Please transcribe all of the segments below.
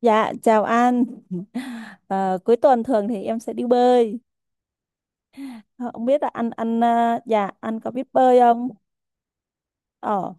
Dạ, chào anh. Ờ, Cuối tuần thường thì em sẽ đi bơi. Ờ, không biết là dạ anh có biết bơi không? Ờ.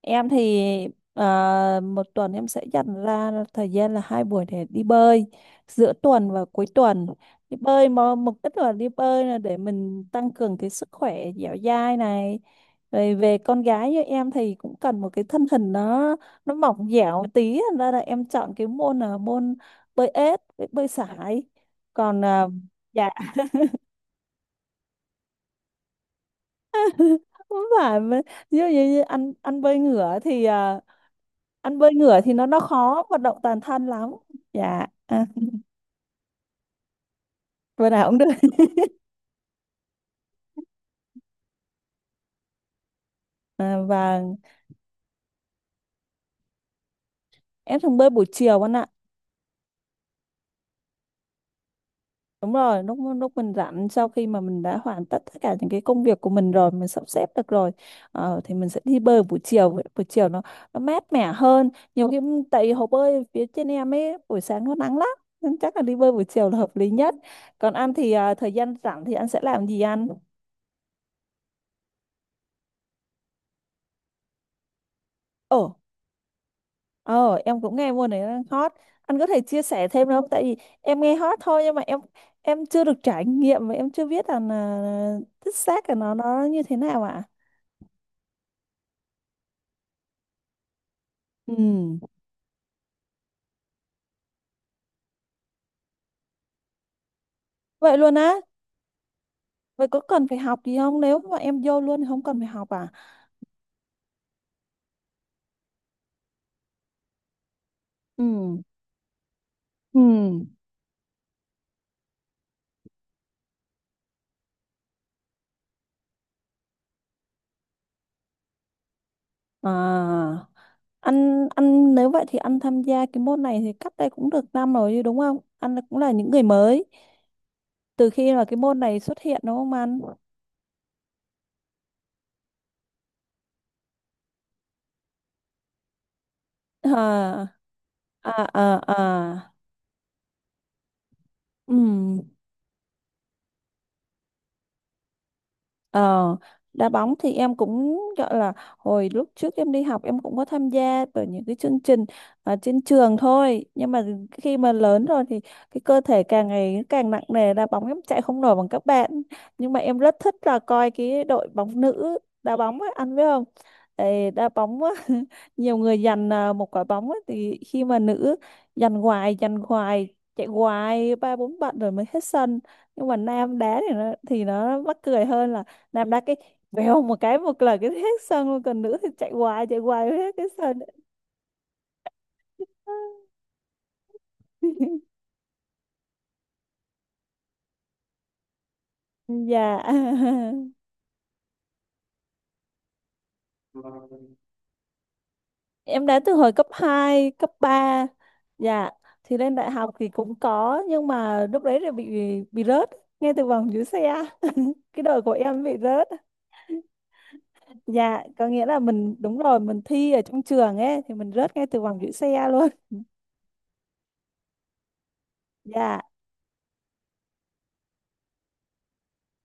Em thì à, một tuần em sẽ dành ra thời gian là hai buổi để đi bơi giữa tuần và cuối tuần. Đi bơi mà mục đích là đi bơi là để mình tăng cường cái sức khỏe dẻo dai này. Rồi về con gái như em thì cũng cần một cái thân hình nó mỏng dẻo một tí, thành ra là em chọn cái môn là môn bơi ếch với bơi sải. Còn à, dạ không phải mà- như ăn ăn bơi ngửa thì ờ, ăn bơi ngửa thì nó khó vận động toàn thân lắm dạ à, bữa nào cũng được à, và em thường bơi buổi chiều anh ạ. Đúng rồi, lúc lúc mình rảnh sau khi mà mình đã hoàn tất tất cả những cái công việc của mình rồi, mình sắp xếp được rồi, ờ, thì mình sẽ đi bơi buổi chiều. Buổi chiều nó mát mẻ hơn nhiều khi, tại vì hồ bơi phía trên em ấy buổi sáng nó nắng lắm, nên chắc là đi bơi buổi chiều là hợp lý nhất. Còn ăn thì à, thời gian rảnh thì anh sẽ làm gì ăn? Ờ, em cũng nghe môn này đang hot. Anh có thể chia sẻ thêm được không? Tại vì em nghe hot thôi, nhưng mà em chưa được trải nghiệm, và em chưa biết là thích xác là nó như thế nào ạ. Ừ. Vậy luôn á? Vậy có cần phải học gì không? Nếu mà em vô luôn thì không cần phải học à? Ừ. Ừ. À, anh nếu vậy thì anh tham gia cái môn này thì cách đây cũng được năm rồi chứ, đúng không? Anh cũng là những người mới từ khi mà cái môn này xuất hiện đúng không anh? À à à à. Ừ. Ờ, đá bóng thì em cũng gọi là hồi lúc trước em đi học em cũng có tham gia vào những cái chương trình ở trên trường thôi, nhưng mà khi mà lớn rồi thì cái cơ thể càng ngày càng nặng nề, đá bóng em chạy không nổi bằng các bạn. Nhưng mà em rất thích là coi cái đội bóng nữ đá bóng ấy, anh biết không? Ê, đá bóng á, nhiều người giành à, một quả bóng ấy, thì khi mà nữ giành hoài chạy hoài ba bốn bạn rồi mới hết sân. Nhưng mà nam đá thì nó mắc cười hơn, là đạp đá cái vèo một cái một là cái hết sân luôn, còn nữ thì chạy hoài hết cái sân. Dạ. Em đá từ hồi cấp 2, cấp 3. Dạ, thì lên đại học thì cũng có, nhưng mà lúc đấy là bị rớt ngay từ vòng dưới xe. Cái đời của em bị rớt. Dạ, có nghĩa là mình, đúng rồi, mình thi ở trong trường ấy thì mình rớt ngay từ vòng giữ xe luôn. Dạ.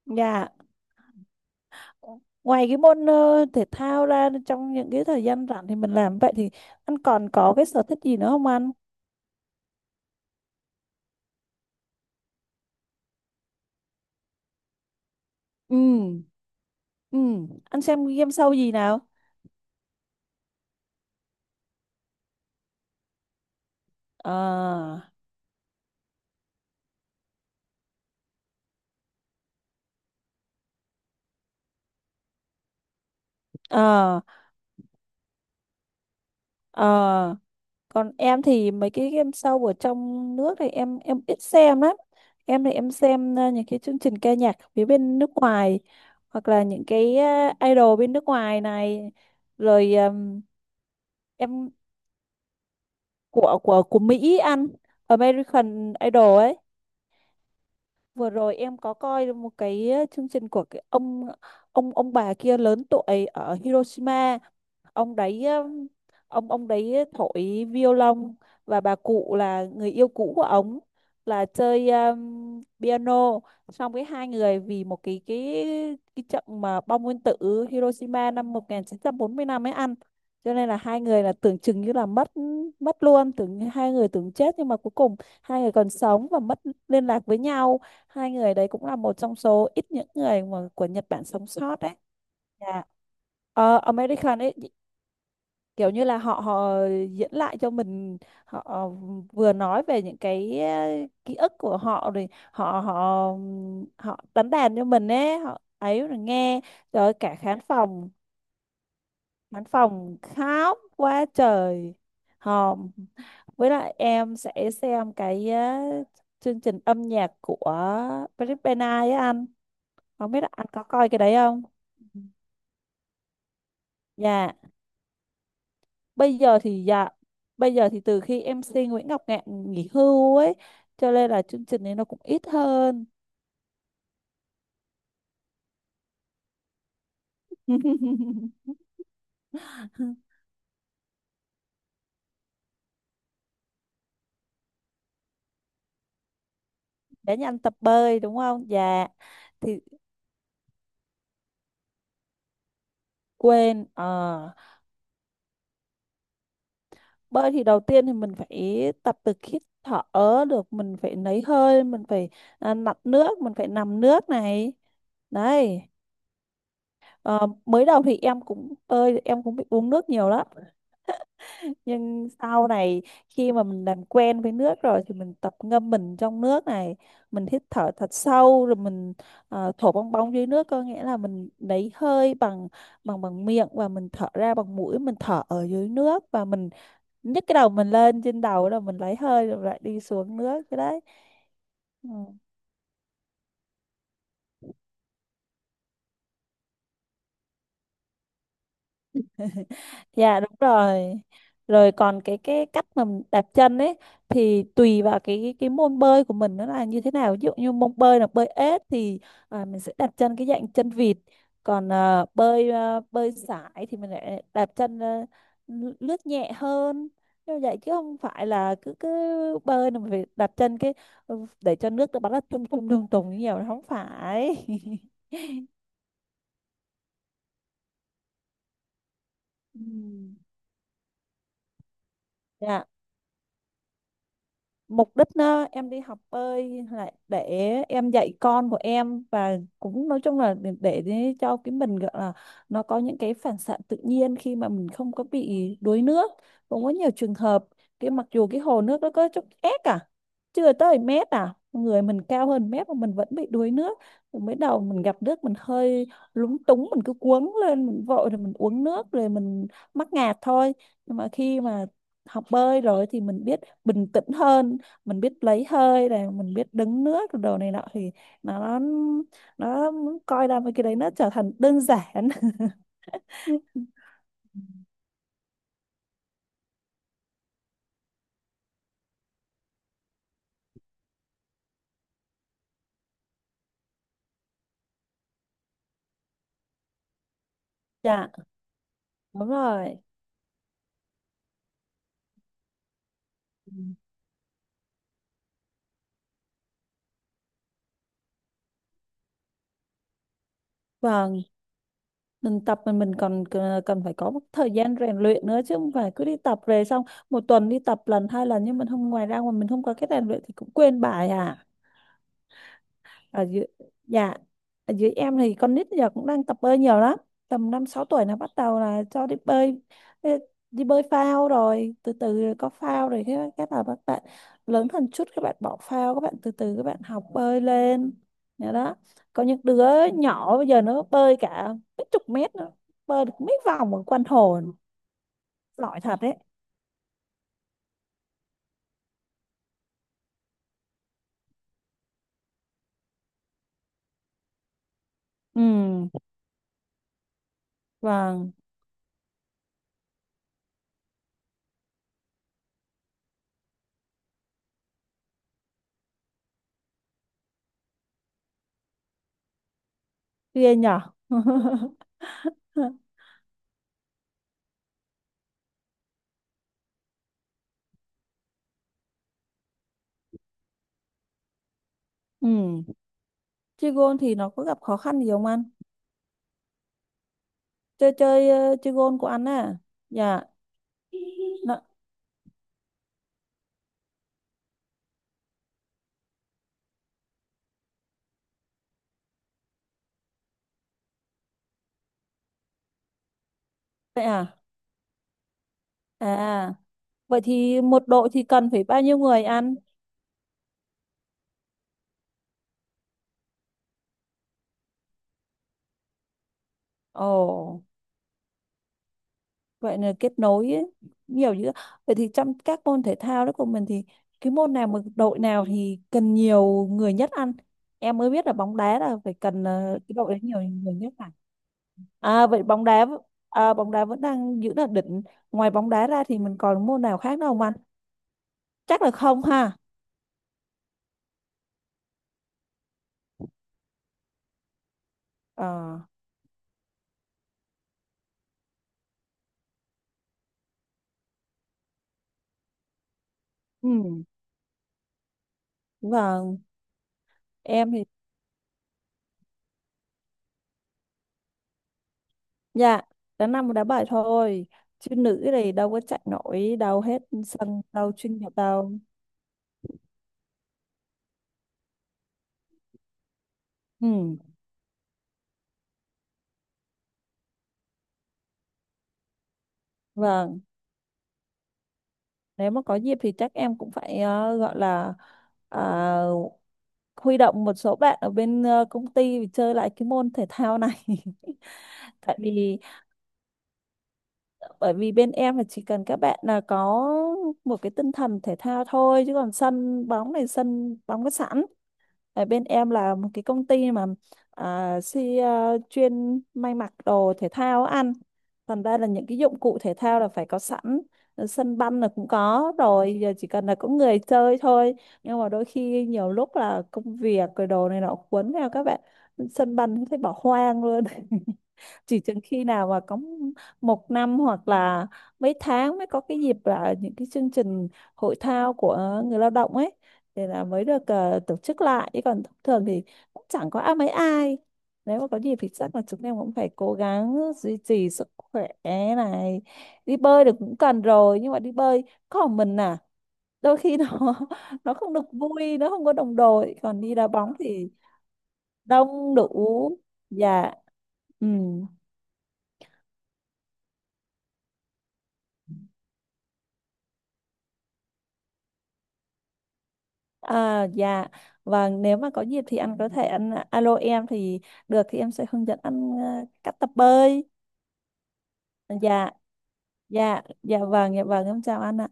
Dạ, ngoài cái môn ờ, thể thao ra, trong những cái thời gian rảnh thì mình làm vậy thì anh còn có cái sở thích gì nữa không anh? Ừ. Ừ, anh xem game show gì nào? Ờ. Ờ. Ờ. Còn em thì mấy cái game show ở trong nước thì em ít xem lắm. Em thì em xem ờ, những cái chương trình ca nhạc phía bên nước ngoài, hoặc là những cái ờ, idol bên nước ngoài này, rồi em của Mỹ anh. American Idol ấy. Vừa rồi em có coi một cái ờ, chương trình của cái ông, ông bà kia lớn tuổi ở Hiroshima. Ông đấy ông đấy thổi violon, và bà cụ là người yêu cũ của ông là chơi piano. Xong cái hai người vì một cái cái trận mà bom nguyên tử Hiroshima năm 1945 ấy ăn, cho nên là hai người là tưởng chừng như là mất mất luôn, tưởng như hai người tưởng chết, nhưng mà cuối cùng hai người còn sống và mất liên lạc với nhau. Hai người đấy cũng là một trong số ít những người mà của Nhật Bản sống sót đấy. Dạ. Ờ, American ấy, kiểu như là họ họ diễn lại cho mình, họ vừa nói về những cái ký ức của họ, rồi họ họ họ đánh đàn cho mình ấy, họ ấy rồi nghe. Rồi cả khán phòng, khán phòng khóc quá trời hòm. Với lại em sẽ xem cái chương trình âm nhạc của Blackpink ấy anh, không biết là anh có coi cái đấy không. Ừ. Dạ, bây giờ thì dạ, bây giờ thì từ khi em MC Nguyễn Ngọc Ngạn nghỉ hưu ấy, cho nên là chương trình này nó cũng ít hơn. Để nhanh tập bơi đúng không dạ? Thì quên ờ, bơi thì đầu tiên thì mình phải tập từ khi thở được, mình phải lấy hơi, mình phải à, nặn nước, mình phải nằm nước này, đấy. Ờ, mới đầu thì em cũng bơi em cũng bị uống nước nhiều lắm. Nhưng sau này khi mà mình làm quen với nước rồi thì mình tập ngâm mình trong nước này, mình hít thở thật sâu rồi mình ờ, thổi bong bóng dưới nước, có nghĩa là mình lấy hơi bằng bằng bằng miệng, và mình thở ra bằng mũi, mình thở ở dưới nước, và mình nhấc cái đầu mình lên trên đầu rồi mình lấy hơi rồi lại đi xuống nước cái đấy. Ừ. Dạ đúng rồi. Rồi còn cái cách mà mình đạp chân ấy thì tùy vào cái môn bơi của mình nó là như thế nào. Ví dụ như môn bơi là bơi ếch thì à, mình sẽ đạp chân cái dạng chân vịt. Còn à, bơi sải thì mình lại đạp chân à, lướt lướt nhẹ hơn. Như vậy, chứ không phải là cứ cứ bơi là mình phải đạp chân cái ừ, để cho nước nó bắn ra tung tung tung tung nhiều, nó không phải. Ừm. Dạ. Mục đích á, em đi học bơi là để em dạy con của em, và cũng nói chung là để cho cái mình gọi là nó có những cái phản xạ tự nhiên khi mà mình không có bị đuối nước. Cũng có nhiều trường hợp cái mặc dù cái hồ nước nó có chút ép à, chưa tới mét à, người mình cao hơn mét mà mình vẫn bị đuối nước. Thì mới đầu mình gặp nước mình hơi lúng túng, mình cứ cuống lên, mình vội rồi mình uống nước rồi mình mắc ngạt thôi. Nhưng mà khi mà học bơi rồi thì mình biết bình tĩnh hơn, mình biết lấy hơi này, mình biết đứng nước đồ này nọ, thì nó nó coi ra mấy cái đấy nó trở thành đơn giản. Dạ đúng rồi. Ừ. Vâng, mình tập mà mình còn c- cần phải có một thời gian rèn luyện nữa, chứ không phải cứ đi tập về xong một tuần đi tập lần hai lần, nhưng mình không, ngoài ra mà mình không có cái rèn luyện thì cũng quên bài à. Ở dưới, dạ, ở dưới em thì con nít giờ cũng đang tập bơi nhiều lắm. Tầm năm sáu tuổi là bắt đầu là cho đi bơi, đi, đi bơi phao, rồi từ từ rồi có phao, rồi cái các là các bạn lớn hơn chút các bạn bỏ phao, các bạn từ từ các bạn học bơi lên. Nhớ đó, có những đứa nhỏ bây giờ nó bơi cả mấy chục mét nữa, bơi được mấy vòng ở quanh hồ. Giỏi thật đấy. Ừ. Vâng. Ghê nhở. Ừ. Chơi gôn thì nó có gặp khó khăn gì không anh? Chơi chơi ờ, chơi gôn của anh à? Dạ. Nó- vậy à. À à. Vậy thì một đội thì cần phải bao nhiêu người ăn? Ồ. Vậy là kết nối ấy. Nhiều dữ. Vậy thì trong các môn thể thao đó của mình thì cái môn nào mà đội nào thì cần nhiều người nhất ăn? Em mới biết là bóng đá là phải cần ờ, cái đội đấy nhiều người nhất phải. À vậy bóng đá v- à, bóng đá vẫn đang giữ là đỉnh. Ngoài bóng đá ra thì mình còn môn nào khác đâu không anh? Chắc là không ha. Ờ. Ừ. Vâng. Em thì dạ đá nam đá bài thôi, chứ nữ thì đâu có chạy nổi đâu hết sân đâu chuyên nghiệp đâu. Ừ. Vâng, nếu mà có dịp thì chắc em cũng phải ờ, gọi là à, huy động một số bạn ở bên ờ, công ty để chơi lại cái môn thể thao này. Tại vì, bởi vì bên em là chỉ cần các bạn là có một cái tinh thần thể thao thôi, chứ còn sân bóng này, sân bóng có sẵn. Ở bên em là một cái công ty mà à, si, à, chuyên may mặc đồ thể thao ăn. Thành ra là những cái dụng cụ thể thao là phải có sẵn. Ờ, sân banh là cũng có rồi, giờ chỉ cần là có người chơi thôi. Nhưng mà đôi khi nhiều lúc là công việc rồi đồ này nọ cuốn theo các bạn. Sân banh cũng thấy bỏ hoang luôn. Chỉ chừng khi nào mà có một năm hoặc là mấy tháng mới có cái dịp là những cái chương trình hội thao của người lao động ấy thì là mới được ờ, tổ chức lại, chứ còn thông thường thì cũng chẳng có ai, mấy ai. Nếu mà có dịp thì chắc là chúng em cũng phải cố gắng duy trì sức khỏe này. Đi bơi được cũng cần rồi, nhưng mà đi bơi còn mình à, đôi khi nó nó không được vui, nó không có đồng đội, còn đi đá bóng thì đông đủ. Dạ. Ừ. À, dạ vâng, nếu mà có dịp thì anh có thể anh à, alo em thì được thì em sẽ hướng dẫn anh ờ, cách tập bơi. Dạ. Dạ vâng, dạ vâng, em chào anh ạ.